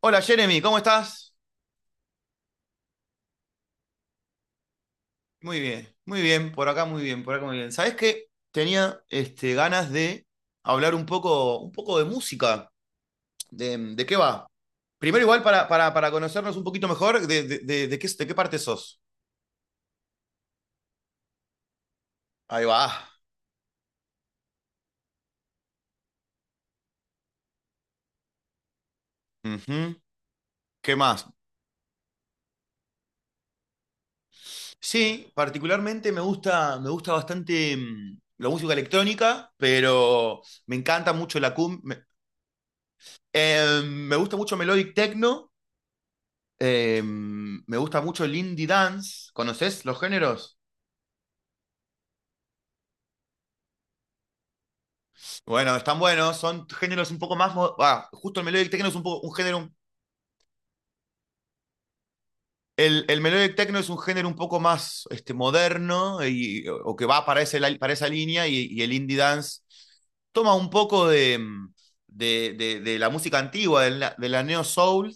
Hola Jeremy, ¿cómo estás? Muy bien, por acá muy bien, por acá muy bien. ¿Sabés qué? Tenía ganas de hablar un poco de música. ¿De qué va? Primero igual para conocernos un poquito mejor, de qué, de qué parte sos? Ahí va. Ujú. ¿Qué más? Sí, particularmente me gusta bastante la música electrónica, pero me encanta mucho la me gusta mucho melodic techno. Me gusta mucho el indie dance. ¿Conoces los géneros? Bueno, están buenos. Son géneros un poco más. Justo el melodic techno es un poco un género. El melodic techno es un género un poco más moderno y, o que va para, ese, para esa línea. Y el indie dance toma un poco de la música antigua, de la neo soul.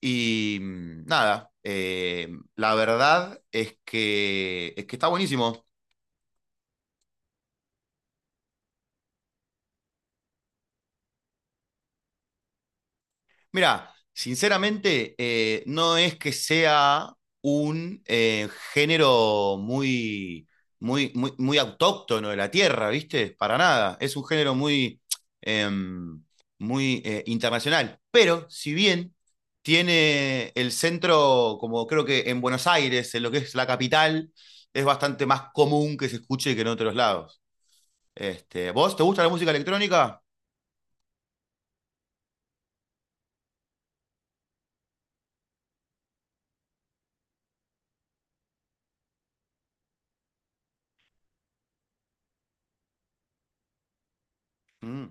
Y mm, nada, la verdad es que está buenísimo. Mira, sinceramente, no es que sea un género muy autóctono de la tierra, ¿viste? Para nada. Es un género muy, em, muy internacional. Pero, si bien tiene el centro, como creo que en Buenos Aires, en lo que es la capital, es bastante más común que se escuche que en otros lados. ¿Vos te gusta la música electrónica? Mm.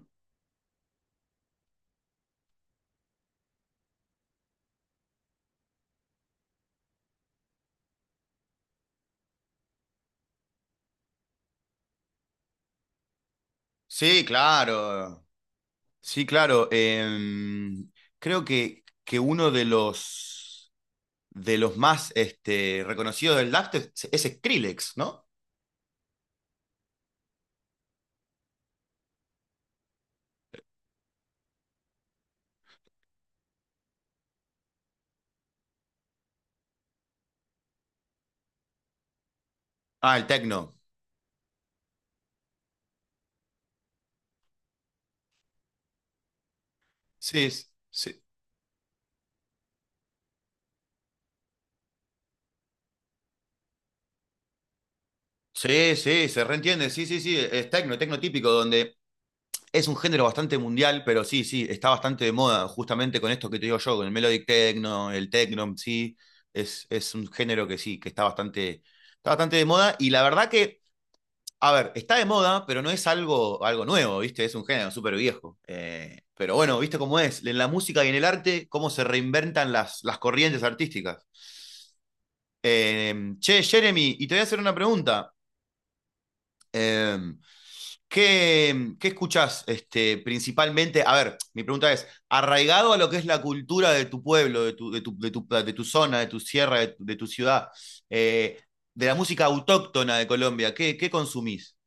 Sí, claro. Sí, claro. Creo que uno de los más reconocidos del DAF es Skrillex, ¿no? Ah, el techno. Sí. Sí, se reentiende. Sí, sí, sí. Es techno, techno típico, donde es un género bastante mundial, pero sí, sí, está bastante de moda, justamente con esto que te digo yo, con el melodic techno, el techno, sí. Es un género que sí, que está bastante de moda. Y la verdad que. A ver, está de moda, pero no es algo, algo nuevo, ¿viste? Es un género súper viejo. Pero bueno, ¿viste cómo es? En la música y en el arte, cómo se reinventan las corrientes artísticas. Eh, Che, Jeremy, y te voy a hacer una pregunta. Eh, ¿Qué, qué escuchás principalmente? A ver, mi pregunta es, arraigado a lo que es la cultura de tu pueblo, de tu zona, de tu sierra, de tu ciudad, eh, de la música autóctona de Colombia, ¿qué, qué consumís?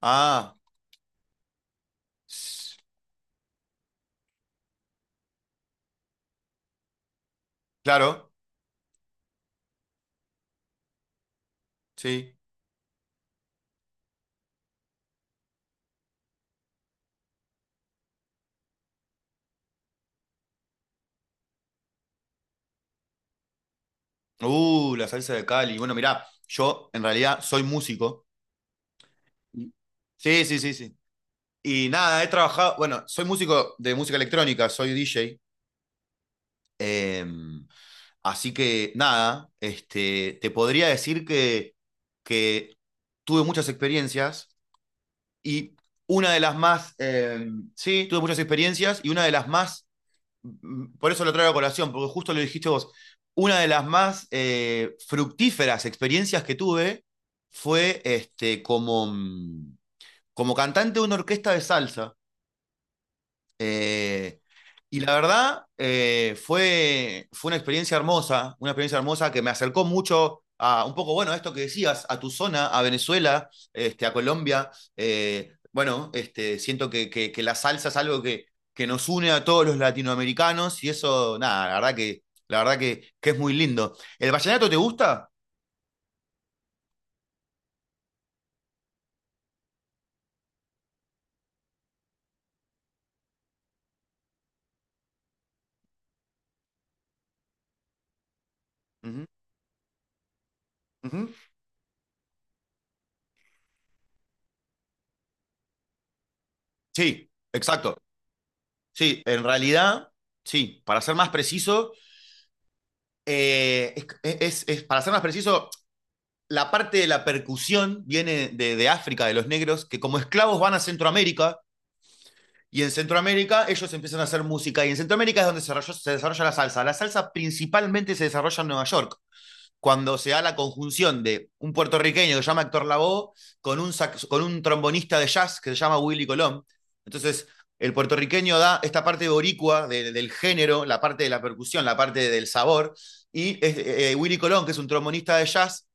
Ah, s- claro. Sí. La salsa de Cali. Bueno, mirá, yo en realidad soy músico. Sí, sí, sí, sí. Y nada, he trabajado, bueno, soy músico de música electrónica, soy DJ. em, Así que nada, te podría decir que tuve muchas experiencias y una de las más, sí, tuve muchas experiencias y una de las más por eso lo traigo a colación, porque justo lo dijiste vos, una de las más fructíferas experiencias que tuve fue como cantante de una orquesta de salsa. Eh, y la verdad, fue, fue una experiencia hermosa que me acercó mucho a un poco, bueno, a esto que decías, a tu zona, a Venezuela, a Colombia. Siento que, la salsa es algo que nos une a todos los latinoamericanos y eso, nada, la verdad que es muy lindo. ¿El vallenato te gusta? Uh -huh, uh -huh. Sí, exacto. Sí, en realidad, sí, para ser más preciso, eh, para ser más preciso, la parte de la percusión viene de África, de los negros, que como esclavos van a Centroamérica, y en Centroamérica ellos empiezan a hacer música, y en Centroamérica es donde se se desarrolla la salsa. La salsa principalmente se desarrolla en Nueva York cuando se da la conjunción de un puertorriqueño que se llama Héctor Lavoe con un, con un trombonista de jazz que se llama Willy Colón. Entonces, el puertorriqueño da esta parte boricua del género, la parte de la percusión, la parte del sabor, y Willy Colón, que es un trombonista de jazz,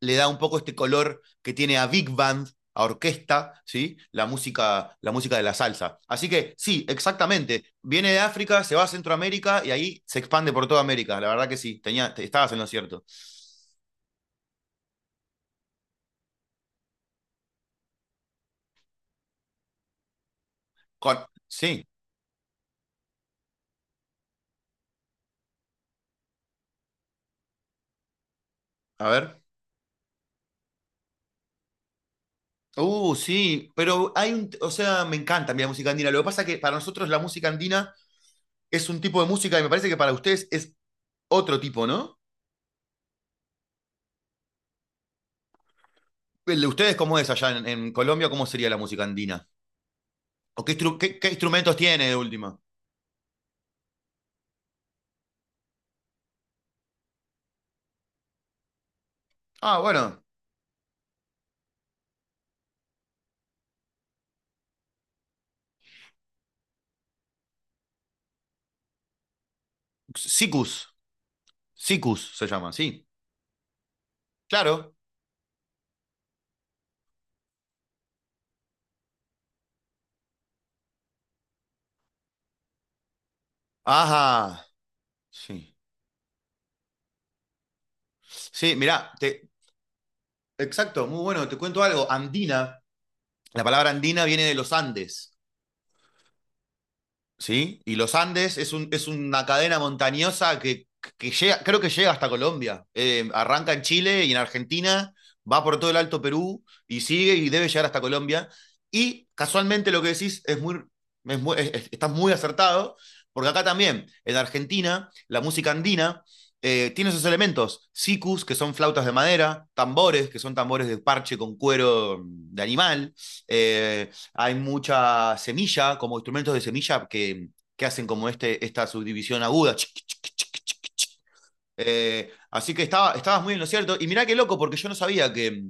le da un poco este color que tiene a big band, a orquesta, ¿sí? La música de la salsa. Así que sí, exactamente. Viene de África, se va a Centroamérica y ahí se expande por toda América. La verdad que sí, tenía, estabas en lo cierto. Con- sí, a ver. Sí, pero hay un, o sea, me encanta a mí la música andina. Lo que pasa es que para nosotros la música andina es un tipo de música y me parece que para ustedes es otro tipo, ¿no? El de ustedes, ¿cómo es allá en Colombia? ¿Cómo sería la música andina? ¿O qué, qué- qué instrumentos tiene de última? Ah, bueno, sicus, sicus se llama, sí. Claro. Ajá, sí. Sí, mirá, te, exacto, muy bueno, te cuento algo. Andina, la palabra andina viene de los Andes. ¿Sí? Y los Andes es, un, es una cadena montañosa que llega, creo que llega hasta Colombia. Arranca en Chile y en Argentina, va por todo el Alto Perú y sigue y debe llegar hasta Colombia. Y casualmente lo que decís es muy, estás muy acertado, porque acá también, en Argentina, la música andina tiene esos elementos, sikus, que son flautas de madera, tambores, que son tambores de parche con cuero de animal, eh, hay mucha semilla, como instrumentos de semilla que hacen como esta subdivisión aguda. Así que estaba, estabas muy en lo cierto. Y mirá qué loco, porque yo no sabía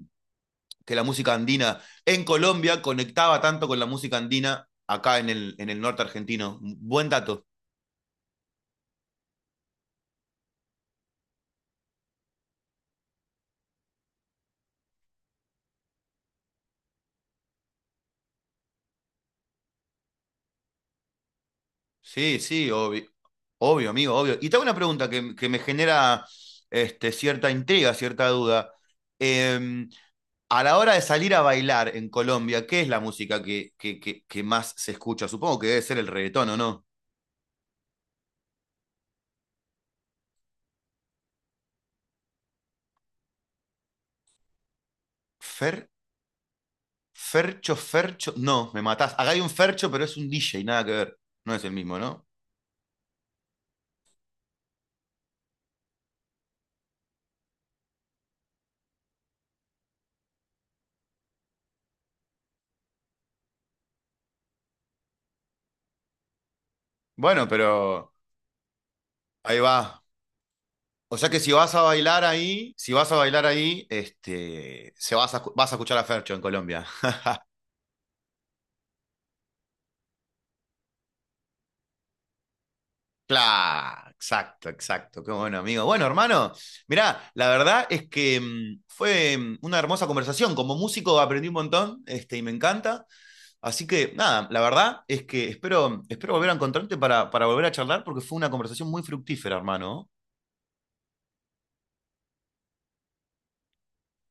que la música andina en Colombia conectaba tanto con la música andina acá en el norte argentino. Buen dato. Sí, sí, obvio, obvio amigo, obvio. Y tengo una pregunta que me genera cierta intriga, cierta duda. Em, a la hora de salir a bailar en Colombia, ¿qué es la música que más se escucha? Supongo que debe ser el reggaetón, ¿o no? Fer, Fercho, Fercho. No, me matás. Acá hay un Fercho, pero es un DJ, nada que ver. No es el mismo, ¿no? Bueno, pero ahí va. O sea que si vas a bailar ahí, si vas a bailar ahí, este, se vas a, vas a escuchar a Fercho en Colombia. Claro, exacto, exacto. Qué bueno, amigo. Bueno, hermano, mirá, la verdad es que fue una hermosa conversación. Como músico aprendí un montón, y me encanta. Así que, nada, la verdad es que espero, espero volver a encontrarte para volver a charlar porque fue una conversación muy fructífera, hermano.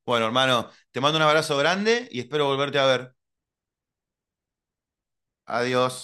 Bueno, hermano, te mando un abrazo grande y espero volverte a ver. Adiós.